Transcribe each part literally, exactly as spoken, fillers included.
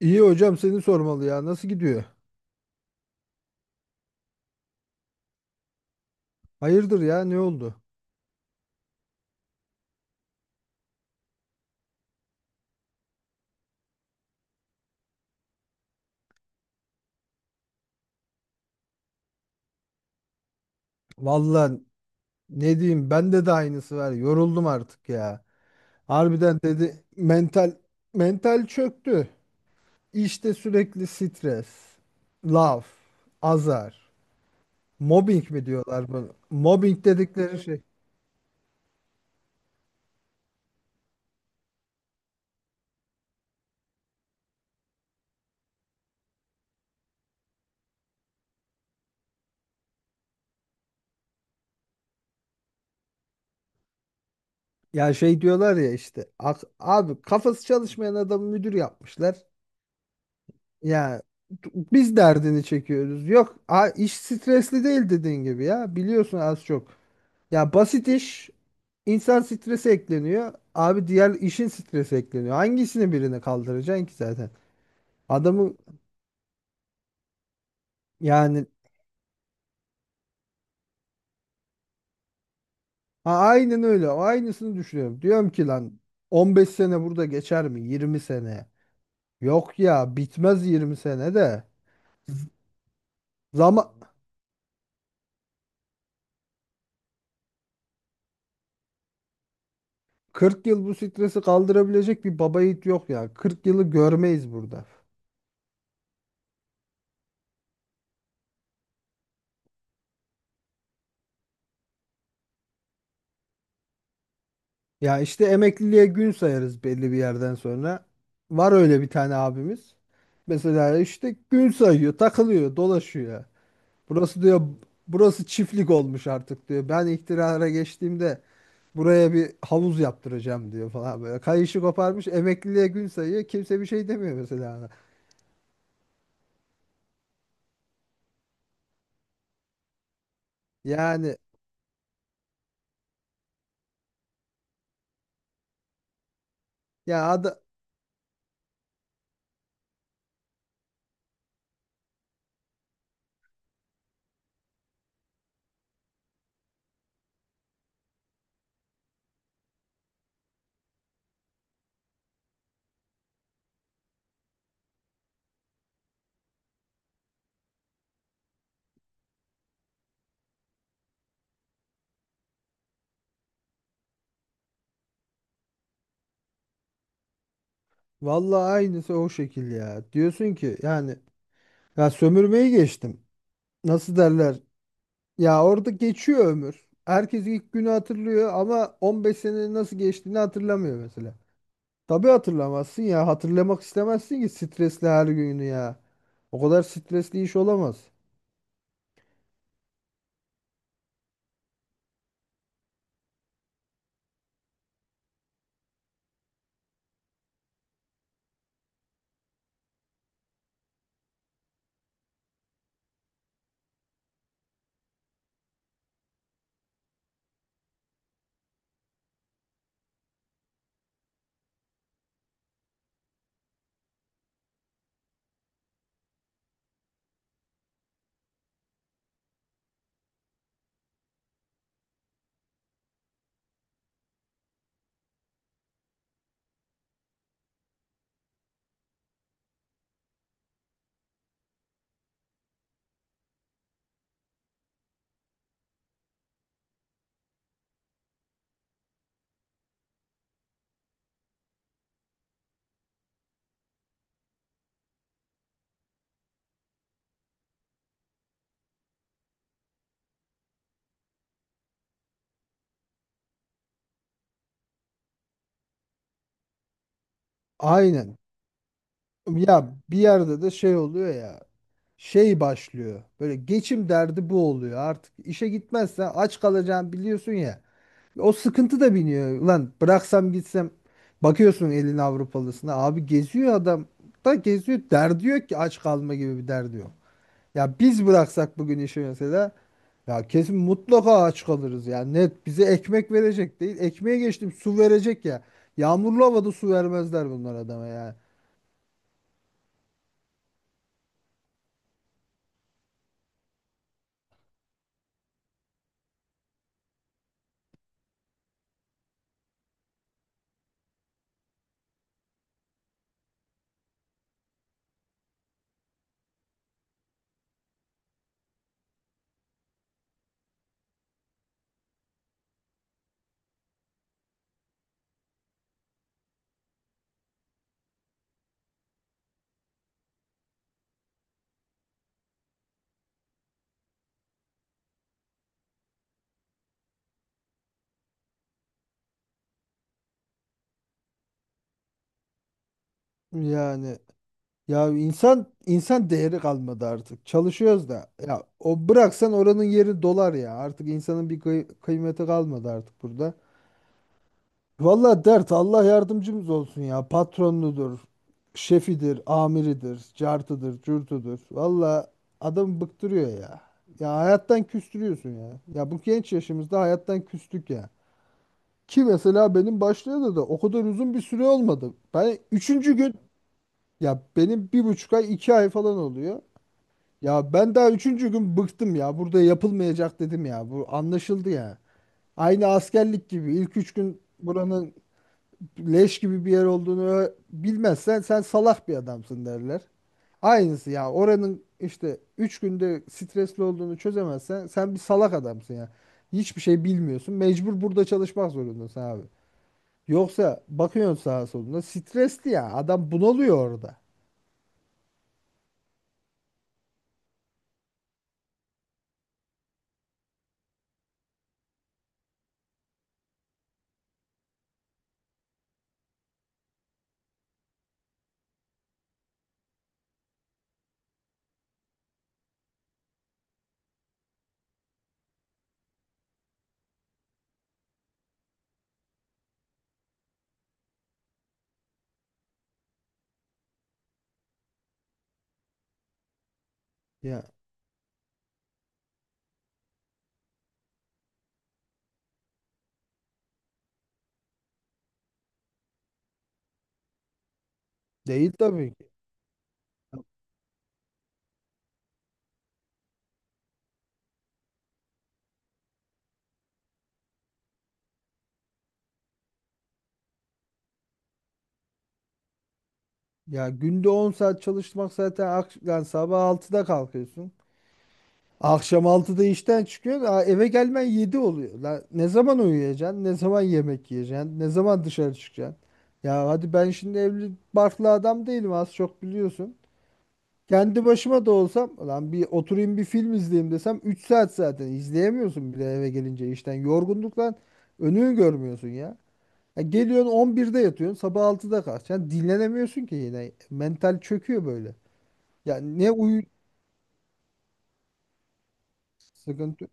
İyi hocam, seni sormalı ya. Nasıl gidiyor? Hayırdır ya, ne oldu? Vallahi ne diyeyim, bende de aynısı var. Yoruldum artık ya. Harbiden dedi, mental mental çöktü. İşte sürekli stres, laf, azar, mobbing mi diyorlar bunu? Mobbing dedikleri şey. Ya şey diyorlar ya işte, ak- abi kafası çalışmayan adamı müdür yapmışlar. Ya, t- biz derdini çekiyoruz. Yok, a- iş stresli değil dediğin gibi ya. Biliyorsun az çok. Ya basit iş, insan stresi ekleniyor. Abi diğer işin stresi ekleniyor. Hangisini birine kaldıracaksın ki zaten? Adamı yani ha, aynen öyle. O aynısını düşünüyorum. Diyorum ki lan, on beş sene burada geçer mi? yirmi sene. Yok ya, bitmez yirmi sene de. Zaman... kırk yıl bu stresi kaldırabilecek bir baba yiğit yok ya. kırk yılı görmeyiz burada. Ya işte emekliliğe gün sayarız belli bir yerden sonra. Var öyle bir tane abimiz. Mesela işte gün sayıyor, takılıyor, dolaşıyor. Burası diyor, burası çiftlik olmuş artık diyor. Ben iktidara geçtiğimde buraya bir havuz yaptıracağım diyor falan böyle. Kayışı koparmış, emekliliğe gün sayıyor. Kimse bir şey demiyor mesela ona. Yani ya ada vallahi aynısı o şekil ya. Diyorsun ki yani, ya sömürmeyi geçtim. Nasıl derler? Ya orada geçiyor ömür. Herkes ilk günü hatırlıyor ama on beş senenin nasıl geçtiğini hatırlamıyor mesela. Tabii hatırlamazsın ya. Hatırlamak istemezsin ki stresli her günü ya. O kadar stresli iş olamaz. Aynen. Ya bir yerde de şey oluyor ya. Şey başlıyor. Böyle geçim derdi bu oluyor. Artık işe gitmezsen aç kalacağını biliyorsun ya. O sıkıntı da biniyor. Ulan bıraksam gitsem, bakıyorsun elin Avrupalısına. Abi geziyor, adam da geziyor. Derdi yok ki, aç kalma gibi bir derdi yok. Ya biz bıraksak bugün işi mesela, ya kesin mutlaka aç kalırız. Yani net bize ekmek verecek değil. Ekmeğe geçtim, su verecek ya. Yağmurlu havada su vermezler bunlar adama ya. Yani ya insan insan değeri kalmadı artık. Çalışıyoruz da. Ya o bıraksan oranın yeri dolar ya. Artık insanın bir kıy- kıymeti kalmadı artık burada. Valla dert, Allah yardımcımız olsun ya. Patronudur, şefidir, amiridir, cartıdır, cürtüdür. Valla adam bıktırıyor ya. Ya hayattan küstürüyorsun ya. Ya bu genç yaşımızda hayattan küstük ya. Ki mesela benim başlayalı da o kadar uzun bir süre olmadı. Ben üçüncü gün ya benim bir buçuk ay iki ay falan oluyor. Ya ben daha üçüncü gün bıktım ya. Burada yapılmayacak dedim ya. Bu anlaşıldı ya. Aynı askerlik gibi, ilk üç gün buranın leş gibi bir yer olduğunu ö- bilmezsen sen salak bir adamsın derler. Aynısı ya, oranın işte üç günde stresli olduğunu çözemezsen sen bir salak adamsın ya. Hiçbir şey bilmiyorsun. Mecbur burada çalışmak zorundasın abi. Yoksa bakıyorsun sağa soluna stresli ya. Adam bunalıyor orada. Ya değil tabii ki. Ya günde on saat çalışmak zaten ak- yani sabah altıda kalkıyorsun. Akşam altıda işten çıkıyorsun. Aa, eve gelmen yedi oluyor. La, ne zaman uyuyacaksın? Ne zaman yemek yiyeceksin? Ne zaman dışarı çıkacaksın? Ya hadi, ben şimdi evli barklı adam değilim, az çok biliyorsun. Kendi başıma da olsam, lan bir oturayım bir film izleyeyim desem, üç saat zaten izleyemiyorsun bile eve gelince işten. Yorgunluktan önünü görmüyorsun ya. Ya geliyorsun on birde yatıyorsun, sabah altıda kalkacaksın. Dinlenemiyorsun ki yine. Mental çöküyor böyle. Ya ne uyu sıkıntı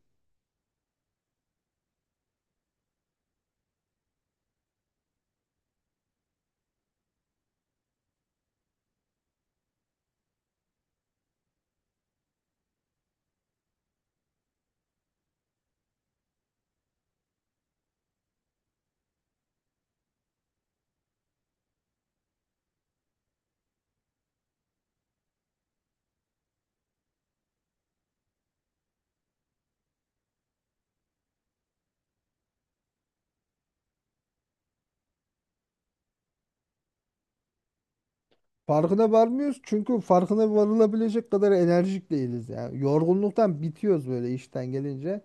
Farkına varmıyoruz çünkü farkına varılabilecek kadar enerjik değiliz yani. Yorgunluktan bitiyoruz böyle işten gelince.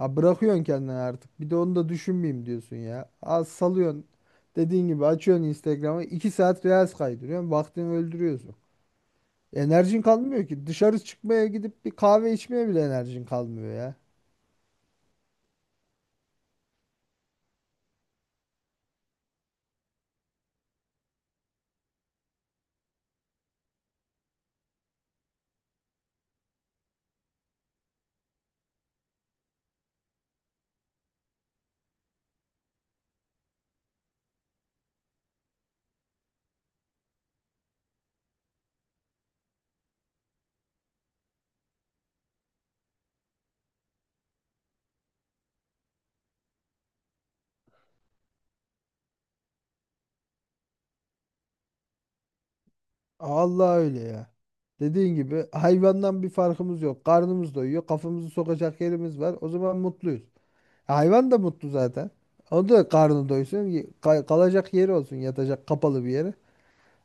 Ya bırakıyorsun kendini artık. Bir de onu da düşünmeyeyim diyorsun ya. Az salıyorsun. Dediğin gibi açıyorsun Instagram'ı. iki saat Reels kaydırıyorsun. Vaktini öldürüyorsun. Enerjin kalmıyor ki. Dışarı çıkmaya gidip bir kahve içmeye bile enerjin kalmıyor ya. Allah öyle ya. Dediğin gibi hayvandan bir farkımız yok. Karnımız doyuyor. Kafamızı sokacak yerimiz var. O zaman mutluyuz. Hayvan da mutlu zaten. O da karnı doysun. y- ka- Kalacak yeri olsun. Yatacak kapalı bir yere.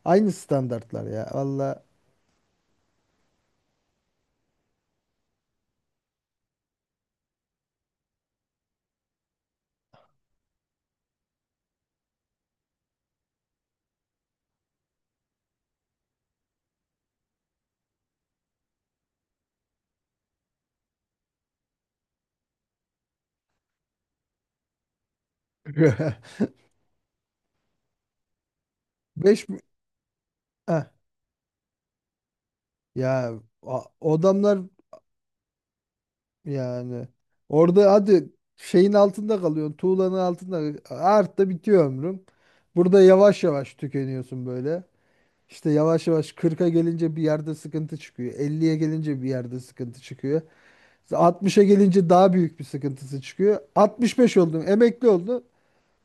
Aynı standartlar ya. Valla. beş, ya a- adamlar yani, orada hadi şeyin altında kalıyorsun. Tuğlanın altında artta bitiyor ömrüm. Burada yavaş yavaş tükeniyorsun böyle. İşte yavaş yavaş kırka gelince bir yerde sıkıntı çıkıyor. Elliye gelince bir yerde sıkıntı çıkıyor. altmışa gelince daha büyük bir sıkıntısı çıkıyor. altmış beş oldun, emekli oldu.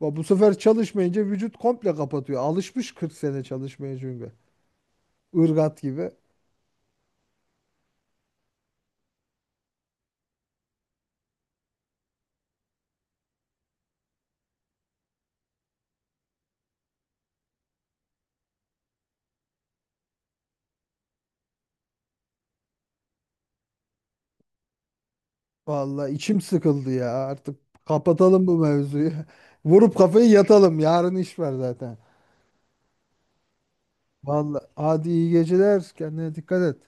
Bu sefer çalışmayınca vücut komple kapatıyor. Alışmış kırk sene çalışmaya çünkü. Irgat gibi. Vallahi içim sıkıldı ya. Artık kapatalım bu mevzuyu. Vurup kafayı yatalım. Yarın iş var zaten. Vallahi hadi, iyi geceler. Kendine dikkat et.